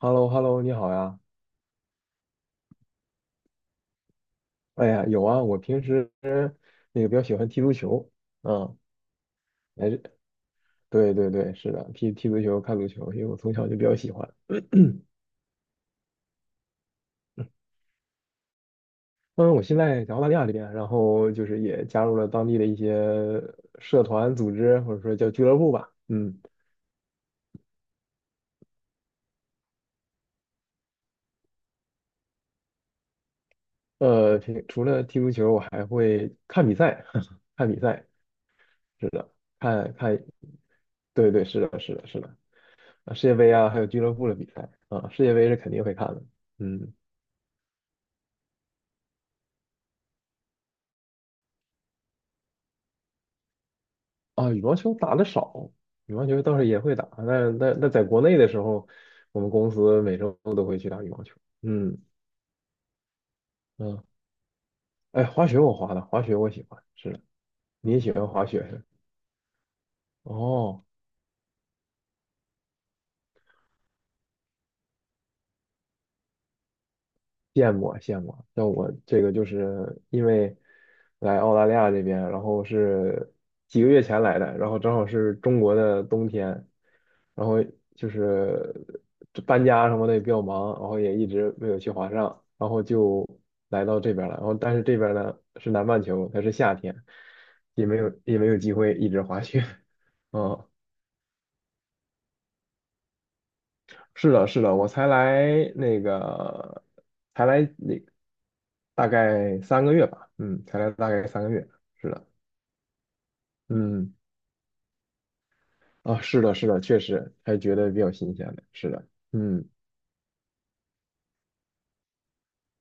h e l l o h e l l o 你好呀。哎呀，有啊，我平时那个比较喜欢踢足球。嗯，还是对对对，是的，踢踢足球、看足球，因为我从小就比较喜欢。嗯，我现在在澳大利亚这边，然后就是也加入了当地的一些社团组织，或者说叫俱乐部吧。平除了踢足球，我还会看比赛，看比赛，是的，看看，对对，是的，是的，是的，啊世界杯啊，还有俱乐部的比赛啊，世界杯是肯定会看的。嗯。啊，羽毛球打的少，羽毛球倒是也会打，但在国内的时候，我们公司每周都会去打羽毛球。嗯嗯，哎，滑雪我滑的，滑雪我喜欢，是的，你也喜欢滑雪是吧？哦。羡慕啊羡慕啊！像我这个就是因为来澳大利亚这边，然后是几个月前来的，然后正好是中国的冬天，然后就是这搬家什么的也比较忙，然后也一直没有去华上，然后就来到这边了。然后但是这边呢是南半球，它是夏天，也没有也没有机会一直滑雪。嗯，是的，是的，我才来那个，才来那大概三个月吧，嗯，才来大概三个月，是的，嗯，啊，是的，是的，确实还觉得比较新鲜的，是的，嗯，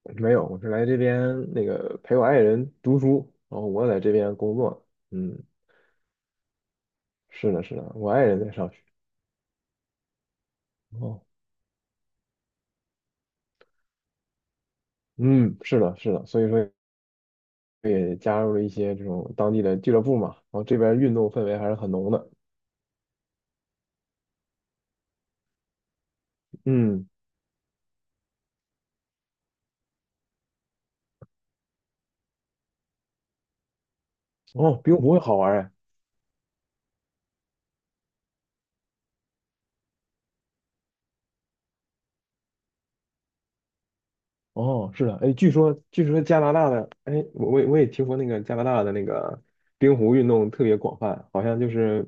没有，我是来这边那个陪我爱人读书，然后我在这边工作，嗯，是的，是的，我爱人在上学。哦，嗯，是的，是的，所以说也加入了一些这种当地的俱乐部嘛，然后这边运动氛围还是很浓的。嗯，哦，冰壶好玩儿哎。哦，是的，哎，据说加拿大的，哎，我也听说那个加拿大的那个冰壶运动特别广泛，好像就是，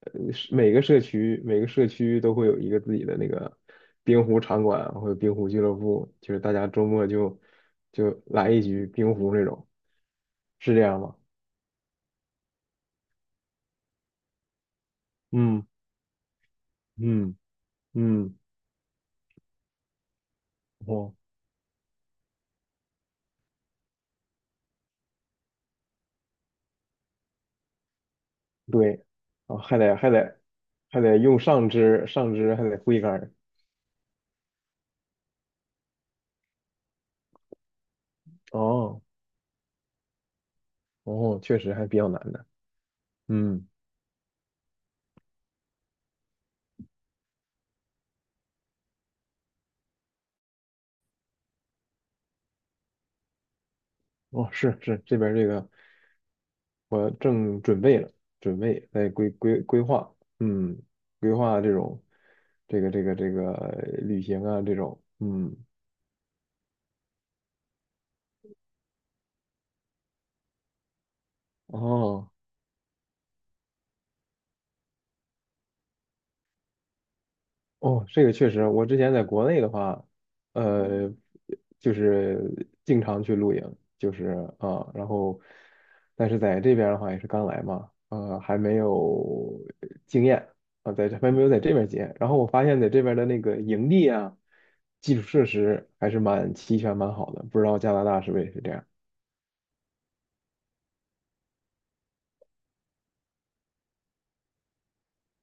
呃，是每个社区都会有一个自己的那个冰壶场馆啊或者冰壶俱乐部，就是大家周末就来一局冰壶那种，是这样吗？嗯嗯嗯，哦，对，哦，还得用上肢还得挥杆儿。哦哦，确实还比较难的，嗯。哦，是是，这边儿这个我正准备了，准备在规划，嗯，规划这种这个旅行啊这种，嗯，哦，哦，这个确实，我之前在国内的话，呃，就是经常去露营，就是啊，然后，但是在这边的话也是刚来嘛，呃，还没有经验啊，在这还没有在这边经验。然后我发现在这边的那个营地啊，基础设施还是蛮齐全、蛮好的，不知道加拿大是不是也是这样？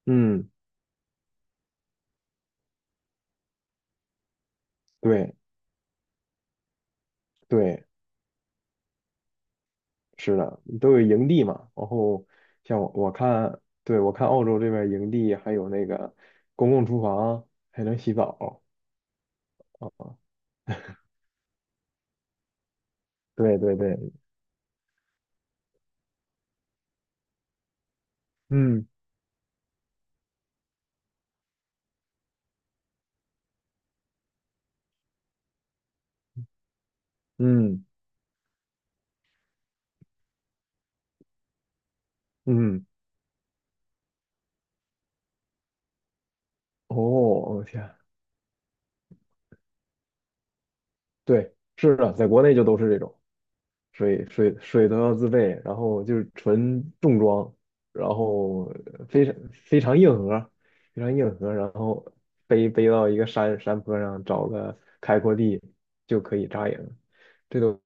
嗯，对对。是的，都有营地嘛。然后像我我看，对，我看澳洲这边营地还有那个公共厨房，还能洗澡啊。对对对，嗯嗯嗯，哦，我天，对，是的，在国内就都是这种。水都要自备，然后就是纯重装，然后非常非常硬核，非常硬核，然后背背到一个山坡上找个开阔地就可以扎营，这都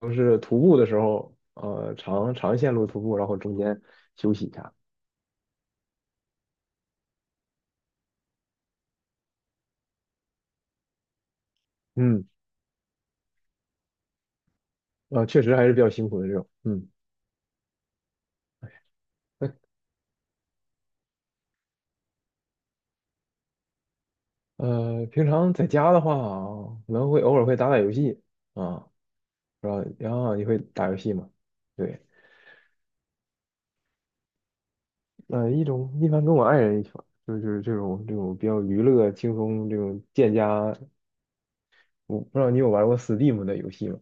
都是徒步的时候，呃，长长线路徒步，然后中间休息一下，嗯，呃，确实还是比较辛苦的这种，嗯，呃，平常在家的话，可能会偶尔会打打游戏啊，然后你会打游戏吗？对。呃，一般跟我爱人一起玩，就是这种比较娱乐、轻松这种建家。我不知道你有玩过 Steam 的游戏吗？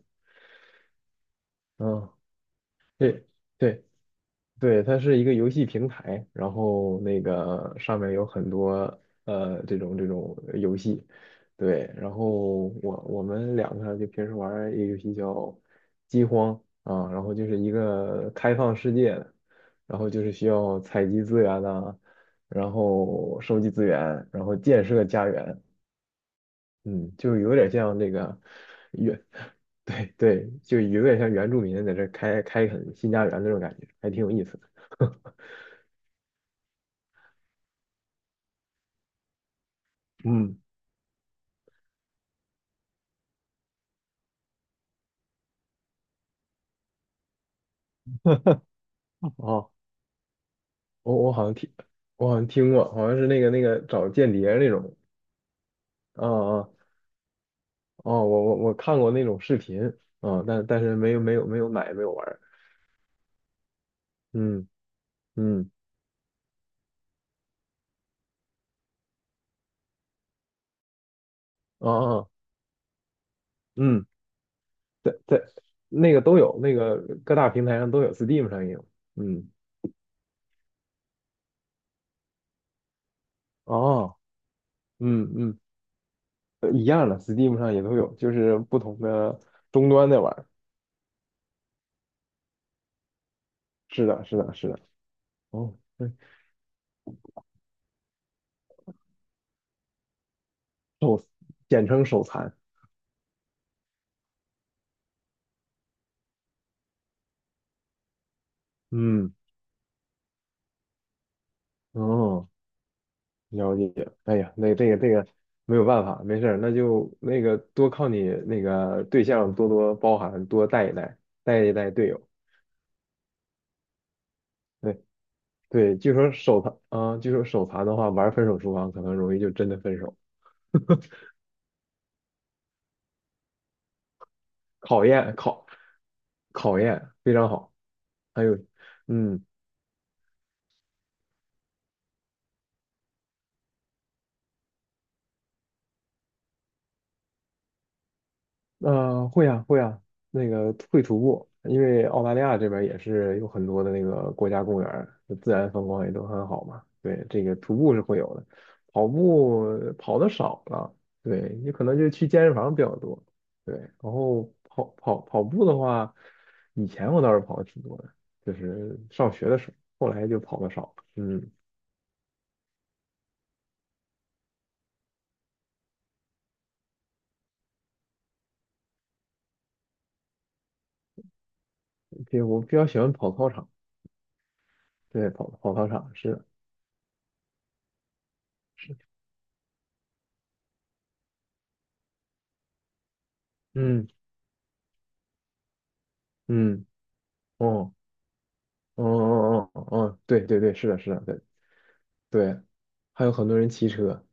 啊、对对，对，它是一个游戏平台，然后那个上面有很多呃这种游戏，对，然后我们两个就平时玩儿一个游戏叫《饥荒》啊，然后就是一个开放世界的，然后就是需要采集资源呐、然后收集资源，然后建设家园，嗯，就有点像这个原，对对，就有点像原住民在这开开垦新家园那种感觉，还挺有意思的。嗯。哦，我我好像听，我好像听过，好像是那个找间谍那种，啊啊哦，我看过那种视频，啊，但但是没有买没有玩儿，嗯嗯啊啊嗯，在那个都有，那个各大平台上都有，Steam 上也有，嗯哦嗯嗯呃一样的，Steam 上也都有，就是不同的终端在玩儿，是的是的是的，哦，对。手简称手残，嗯哦。了解，哎呀，那这个这个没有办法，没事儿，那就那个多靠你那个对象多多包涵，多带一带，带一带队友。对对，据说手残啊、据说手残的话，玩分手厨房可能容易就真的分手，考验考考验非常好。还有，嗯，呃，会啊，会啊，那个会徒步，因为澳大利亚这边也是有很多的那个国家公园儿自然风光也都很好嘛。对，这个徒步是会有的，跑步跑的少了，对，你可能就去健身房比较多。对，然后跑步的话，以前我倒是跑的挺多的，就是上学的时候，后来就跑的少了。嗯，比我比较喜欢跑操场，对，跑操场是的嗯嗯。哦。哦哦哦哦，哦，对对对，是的，是的，对对，还有很多人骑车，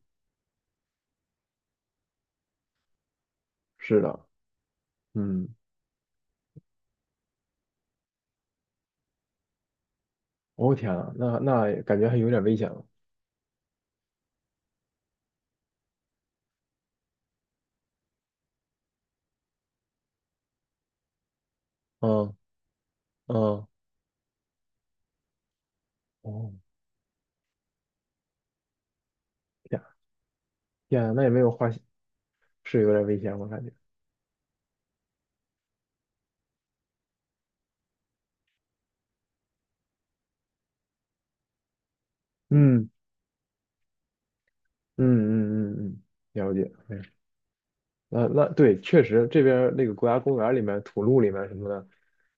是的，嗯，哦天啊，那那感觉还有点危险了，嗯嗯，哦天啊天啊那也没有花，是有点危险，我感觉，嗯嗯嗯嗯嗯，了解，哎，那那对，确实这边儿那个国家公园里面、土路里面什么的，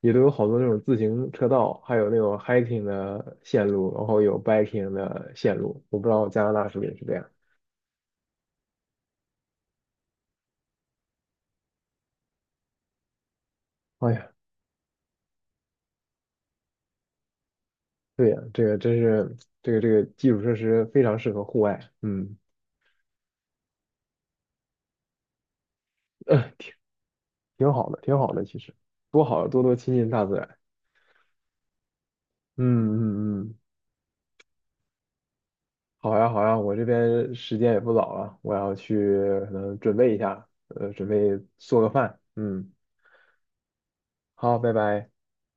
也都有好多那种自行车道，还有那种 hiking 的线路，然后有 biking 的线路，我不知道加拿大是不是也是这样。哎呀。对呀，这个真是这个基础设施非常适合户外，嗯，呃挺挺好的，挺好的，其实多好，多多亲近大自然。嗯嗯嗯，好呀好呀，我这边时间也不早了，我要去可能准备一下，呃，准备做个饭。嗯，好，拜拜。